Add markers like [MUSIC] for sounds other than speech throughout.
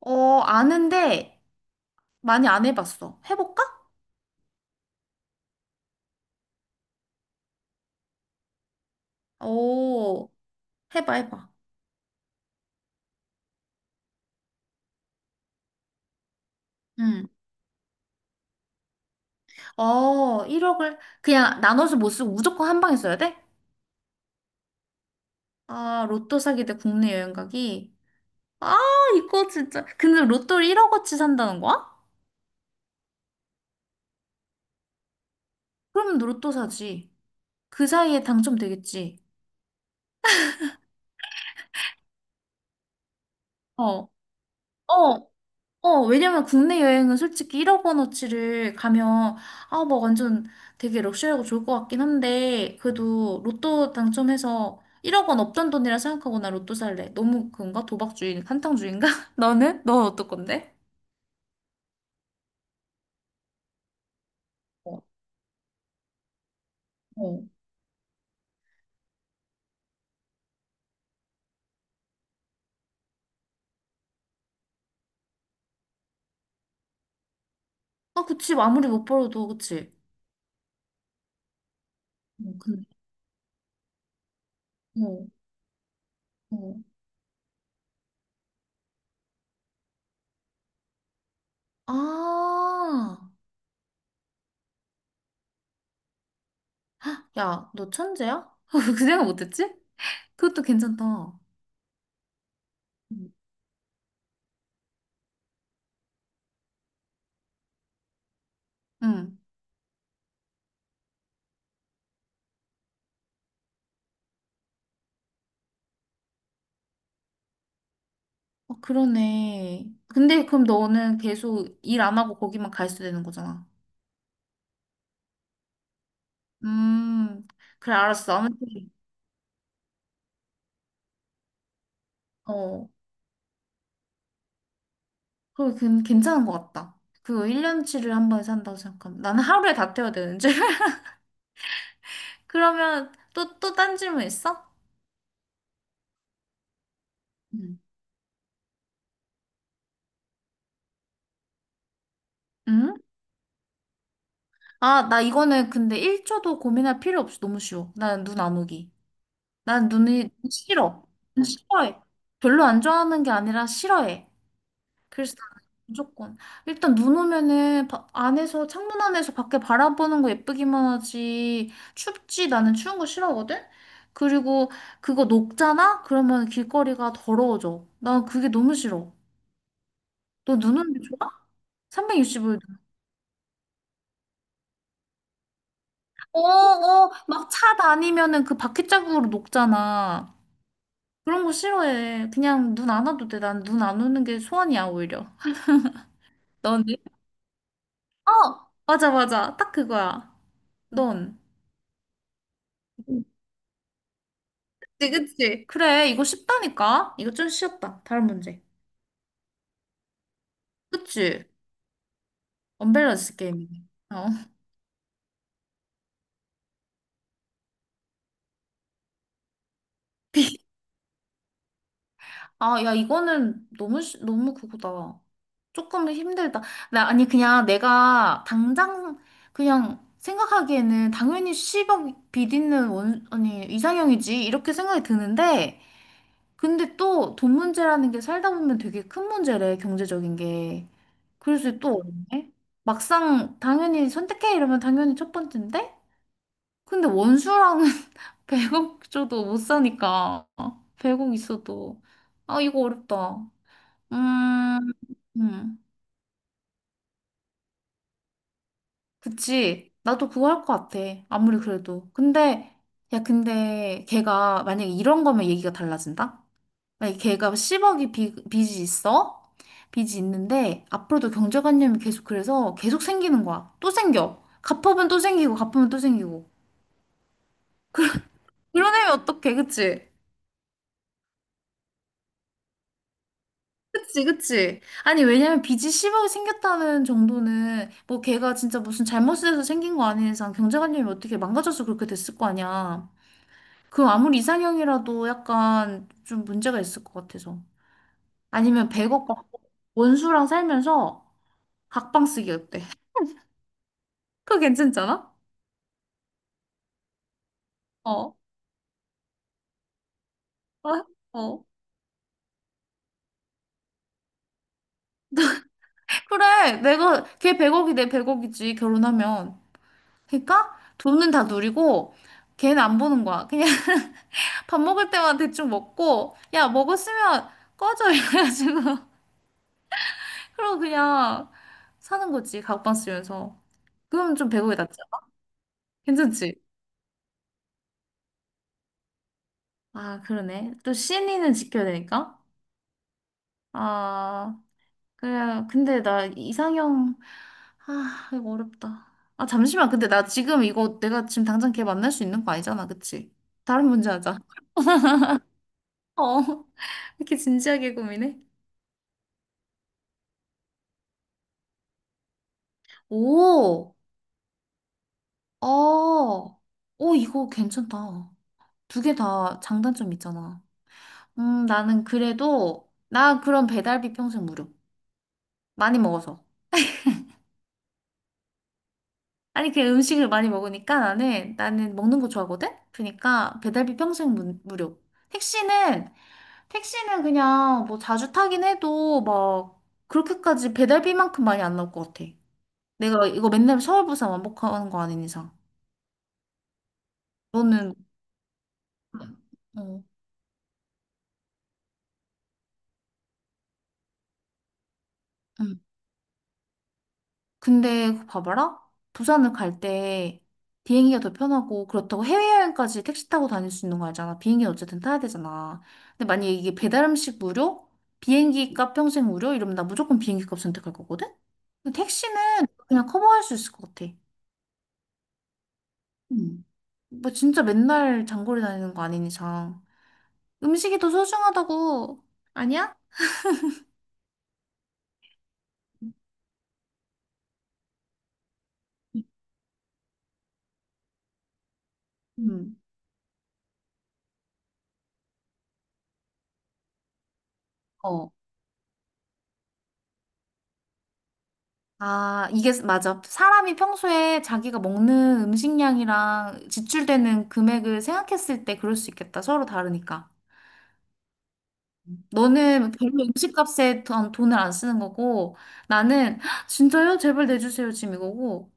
어, 아는데 많이 안 해봤어. 해볼까? 오, 해봐, 해봐. 응. 어, 1억을 그냥 나눠서 못 쓰고 무조건 한 방에 써야 돼? 아, 로또 사기 대 국내 여행 가기. 아, 이거 진짜. 근데 로또를 1억어치 산다는 거야? 그러면 로또 사지. 그 사이에 당첨되겠지. 어, 어, 어, 왜냐면 국내 여행은 솔직히 1억 원어치를 가면, 아, 뭐 완전 되게 럭셔리하고 좋을 것 같긴 한데, 그래도 로또 당첨해서 1억 원 없던 돈이라 생각하고 나 로또 살래. 너무 그건가? 도박주의, 한탕주의인가? [LAUGHS] 너는? 넌 어떨 건데? 어, 어. 아, 그치. 아무리 못 벌어도, 그치. 어, 근데, 어, 어. 아, 야, 너 천재야? [LAUGHS] 그 생각 못했지? 그것도 괜찮다. 응, 응. 어, 그러네. 근데 그럼 너는 계속 일 안 하고 거기만 가 있어야 되는 거잖아. 음, 그래, 알았어. 아무튼, 어, 그래, 괜찮은 것 같다. 그거 1년치를 한 번에 산다고 생각하면. 나는 하루에 다 태워야 되는줄. [LAUGHS] 그러면 또 딴 질문 있어? 응. 응? 아, 나 이거는 근데 1초도 고민할 필요 없이 너무 쉬워. 나는 눈 안 오기. 난 눈이 싫어. 싫어해. 별로 안 좋아하는 게 아니라 싫어해. 그래서 나는 무조건 일단 눈 오면은 안에서 창문 안에서 밖에 바라보는 거 예쁘기만 하지 춥지, 나는 추운 거 싫어하거든. 그리고 그거 녹잖아. 그러면 길거리가 더러워져. 난 그게 너무 싫어. 너 눈 오는 게 좋아? 365일. 어어 막 차 다니면은 그 바퀴 자국으로 녹잖아. 그런 거 싫어해. 그냥 눈 안 와도 돼. 난 눈 안 오는 게 소원이야, 오히려. 넌? 어. 맞아, 맞아. 딱 그거야. 넌? 그치, 그치. 그래, 이거 쉽다니까? 이거 좀 쉬웠다. 다른 문제. 그치? 언밸런스 게임이네. 어. [LAUGHS] 아, 야, 이거는 너무, 너무 그거다. 조금 힘들다. 나, 아니, 그냥 내가 당장, 그냥 생각하기에는 당연히 10억 비디는 원, 아니, 이상형이지. 이렇게 생각이 드는데, 근데 또 돈 문제라는 게 살다 보면 되게 큰 문제래, 경제적인 게. 그래서 또 어렵네. 막상 당연히 선택해 이러면 당연히 첫 번째인데? 근데 원수랑은 [LAUGHS] 100억 줘도 못 사니까. 100억 있어도. 아, 이거 어렵다. 음, 음, 그치. 나도 그거 할 것 같아. 아무리 그래도. 근데, 야, 근데 걔가 만약에 이런 거면 얘기가 달라진다. 만약에 걔가 10억이 빚이 있어. 빚이 있는데 앞으로도 경제관념이 계속, 그래서 계속 생기는 거야. 또 생겨. 갚으면 또 생기고, 갚으면 또 생기고. 그런 애면 어떡해, 그치? 그치, 그치. 아니, 왜냐면 빚이 10억 생겼다는 정도는, 뭐 걔가 진짜 무슨 잘못을 해서 생긴 거 아닌 이상 경제관념이 어떻게 망가져서 그렇게 됐을 거 아니야. 그럼 아무리 이상형이라도 약간 좀 문제가 있을 것 같아서. 아니면 100억 받고 원수랑 살면서 각방 쓰기 어때? [LAUGHS] 그거 괜찮잖아? 어. 어? 어. [LAUGHS] 그래, 내가, 걔 100억이 내 100억이지, 결혼하면. 그러니까 돈은 다 누리고, 걔는 안 보는 거야. 그냥 밥 먹을 때만 대충 먹고, 야, 먹었으면 꺼져. [LAUGHS] 이래가지고. 그리고 그냥 사는 거지. 가옥방 쓰면서. 그럼 좀 배고프게 낫지. 괜찮지? 아, 그러네. 또신 n 는 지켜야 되니까. 아, 그래. 근데 나 이상형, 아, 이거 어렵다. 아, 잠시만. 근데 나 지금 이거 내가 지금 당장 걔 만날 수 있는 거 아니잖아. 그치? 다른 문제 하자. 어. [LAUGHS] 이렇게 진지하게 고민해? 오, 어, 오, 이거 괜찮다. 두 개 다 장단점 있잖아. 나는 그래도, 나 그럼 배달비 평생 무료. 많이 먹어서. 아니, 그 음식을 많이 먹으니까, 나는 먹는 거 좋아하거든? 그러니까 배달비 평생 무료. 택시는, 택시는 그냥 뭐 자주 타긴 해도 막 그렇게까지 배달비만큼 많이 안 나올 것 같아. 내가 이거 맨날 서울 부산 왕복하는 거 아닌 이상. 너는, 어, 응. 근데 봐봐라. 부산을 갈 때 비행기가 더 편하고, 그렇다고 해외여행까지 택시 타고 다닐 수 있는 거 알잖아. 비행기는 어쨌든 타야 되잖아. 근데 만약에 이게 배달 음식 무료? 비행기 값 평생 무료? 이러면 나 무조건 비행기 값 선택할 거거든? 근데 택시는 그냥 커버할 수 있을 것 같아. 음. 뭐 진짜 맨날 장거리 다니는 거 아닌 이상. 음식이 더 소중하다고. 아니야? 음. 어. 아, 이게 맞아. 사람이 평소에 자기가 먹는 음식량이랑 지출되는 금액을 생각했을 때 그럴 수 있겠다. 서로 다르니까. 너는 별로 음식값에 돈을 안 쓰는 거고, 나는 "헉, 진짜요? 제발 내주세요. 지금 이거고.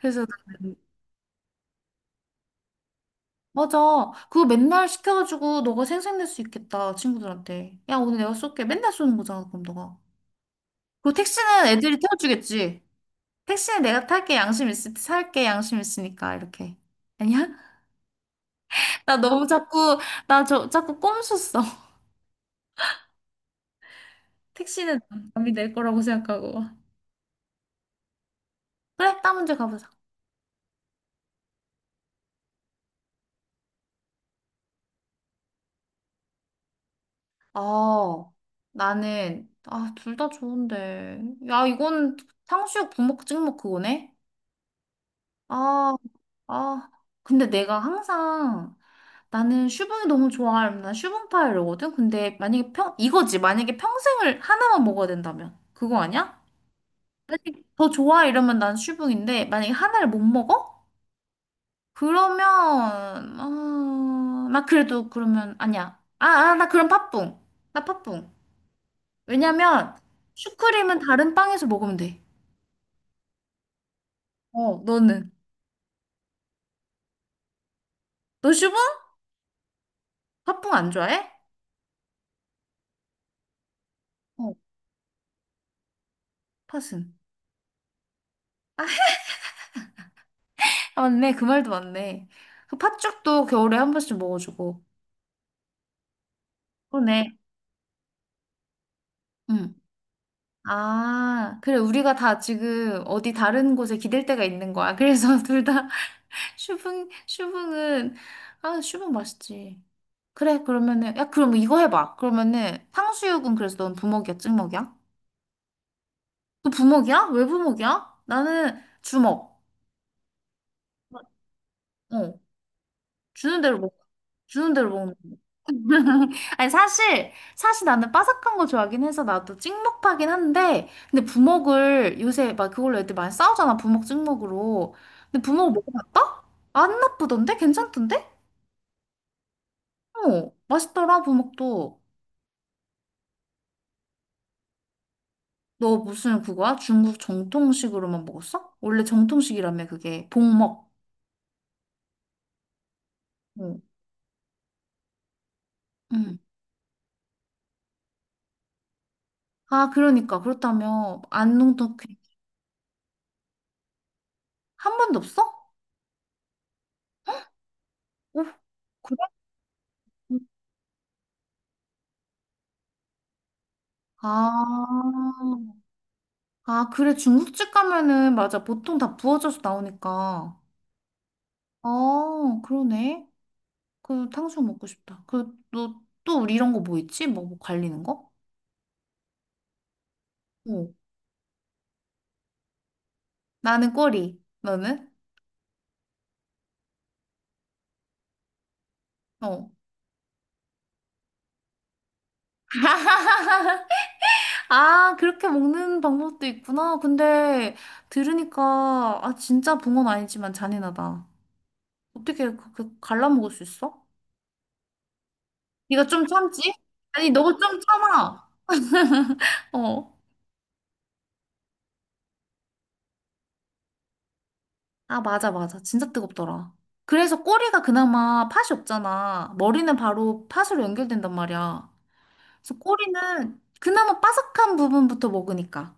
그래서 나는 맞아. 그거 맨날 시켜가지고 너가 생색낼 수 있겠다. 친구들한테. 야, 오늘 내가 쏠게. 맨날 쏘는 거잖아. 그럼 너가. 그리고 택시는 애들이 태워주겠지. 택시는 내가 탈게. 양심 있을 때 살게. 양심 있으니까. 이렇게. 아니야? 나 너무 자꾸, 나 저, 자꾸 꼼수써. [LAUGHS] 택시는 남이 낼 거라고 생각하고. 그래, 다음 문제 가보자. 어, 나는, 아, 둘 다 좋은데. 야, 이건 탕수육 부먹 찍먹 그거네? 아, 아. 근데 내가 항상, 나는 슈붕이 너무 좋아. 난 슈붕파이 이러거든? 근데 만약에 이거지. 만약에 평생을 하나만 먹어야 된다면. 그거 아니야? 만약에 더 좋아 이러면 난 슈붕인데, 만약에 하나를 못 먹어? 그러면 어, 나 그래도 그러면 아니야. 아, 아, 나 그럼 팥붕. 나 팥붕. 왜냐면 슈크림은 다른 빵에서 먹으면 돼. 어, 너는? 너 슈붕? 팥붕 안 좋아해? 어, 팥은. 아, 맞네. 그 말도 맞네. 그 팥죽도 겨울에 한 번씩 먹어주고. 그러네. 응. 아, 그래. 우리가 다 지금 어디 다른 곳에 기댈 데가 있는 거야. 그래서 [LAUGHS] 둘 다 슈붕은, 아, 슈붕 맛있지. 그래, 그러면은, 야, 그럼 이거 해봐. 그러면은, 탕수육은 그래서 넌 부먹이야, 찍먹이야? 너 부먹이야? 왜 부먹이야? 나는 주먹. 어, 주는 대로 먹, 주는 대로 먹는 거. [LAUGHS] 아니, 사실 나는 바삭한 거 좋아하긴 해서 나도 찍먹파긴 한데, 근데 부먹을 요새 막 그걸로 애들 많이 싸우잖아, 부먹 찍먹으로. 근데 부먹 먹어봤다? 안 나쁘던데? 괜찮던데? 어, 맛있더라, 부먹도. 너 무슨 그거야? 중국 정통식으로만 먹었어? 원래 정통식이라며. 그게 복먹. 어. 응. 아, 그러니까 그렇다며 안농독회. 한 번도 없어? 오, 그래? 아, 아, 그래. 중국집 가면은 맞아, 보통 다 부어져서 나오니까. 아, 그러네. 그 탕수육 먹고 싶다. 그, 너 또 우리 이런 거 뭐 있지? 뭐 갈리는 거? 어. 나는 꼬리. 너는? 어. 아, 그렇게 먹는 방법도 있구나. 근데 들으니까, 아, 진짜 붕어는 아니지만 잔인하다. 어떻게 그렇게 갈라먹을 수 있어? 네가 좀 참지? 아니, 너가 좀 참아. 어. 아, 맞아, 맞아. 진짜 뜨겁더라. 그래서 꼬리가 그나마 팥이 없잖아. 머리는 바로 팥으로 연결된단 말이야. 그래서 꼬리는 그나마 바삭한 부분부터 먹으니까.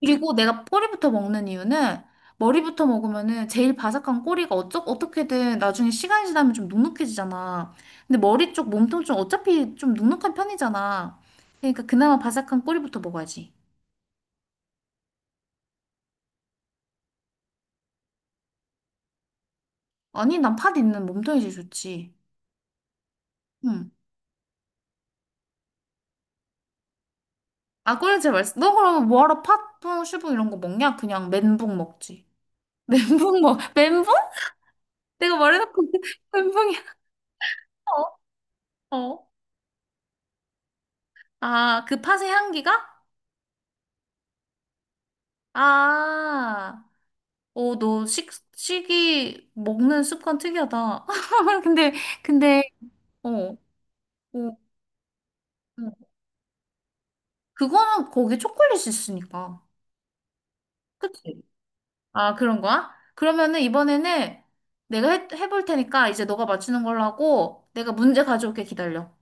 그리고 내가 꼬리부터 먹는 이유는 머리부터 먹으면은 제일 바삭한 꼬리가 어떻게든 나중에 시간이 지나면 좀 눅눅해지잖아. 근데 머리 쪽 몸통 좀 어차피 좀 눅눅한 편이잖아. 그러니까 그나마 바삭한 꼬리부터 먹어야지. 아니, 난 팥 있는 몸통이 제일 좋지. 응. 아, 꼬리 제일 맛있어. 너 그럼 뭐하러 팥붕, 슈붕 이런 거 먹냐? 그냥 멘붕 먹지. [LAUGHS] 멘붕? 내가 말해놓고 [LAUGHS] 멘붕이야. 어? 어. 아, 그 팥의 향기가? 아. 어, 너 식이 먹는 습관 특이하다. [LAUGHS] 근데, 근데, 어, 어, 어. 그거는 거기 초콜릿이 있으니까. 그치? 아, 그런 거야? 그러면은 이번에는 내가 해볼 테니까 이제 너가 맞추는 걸로 하고 내가 문제 가져올게. 기다려.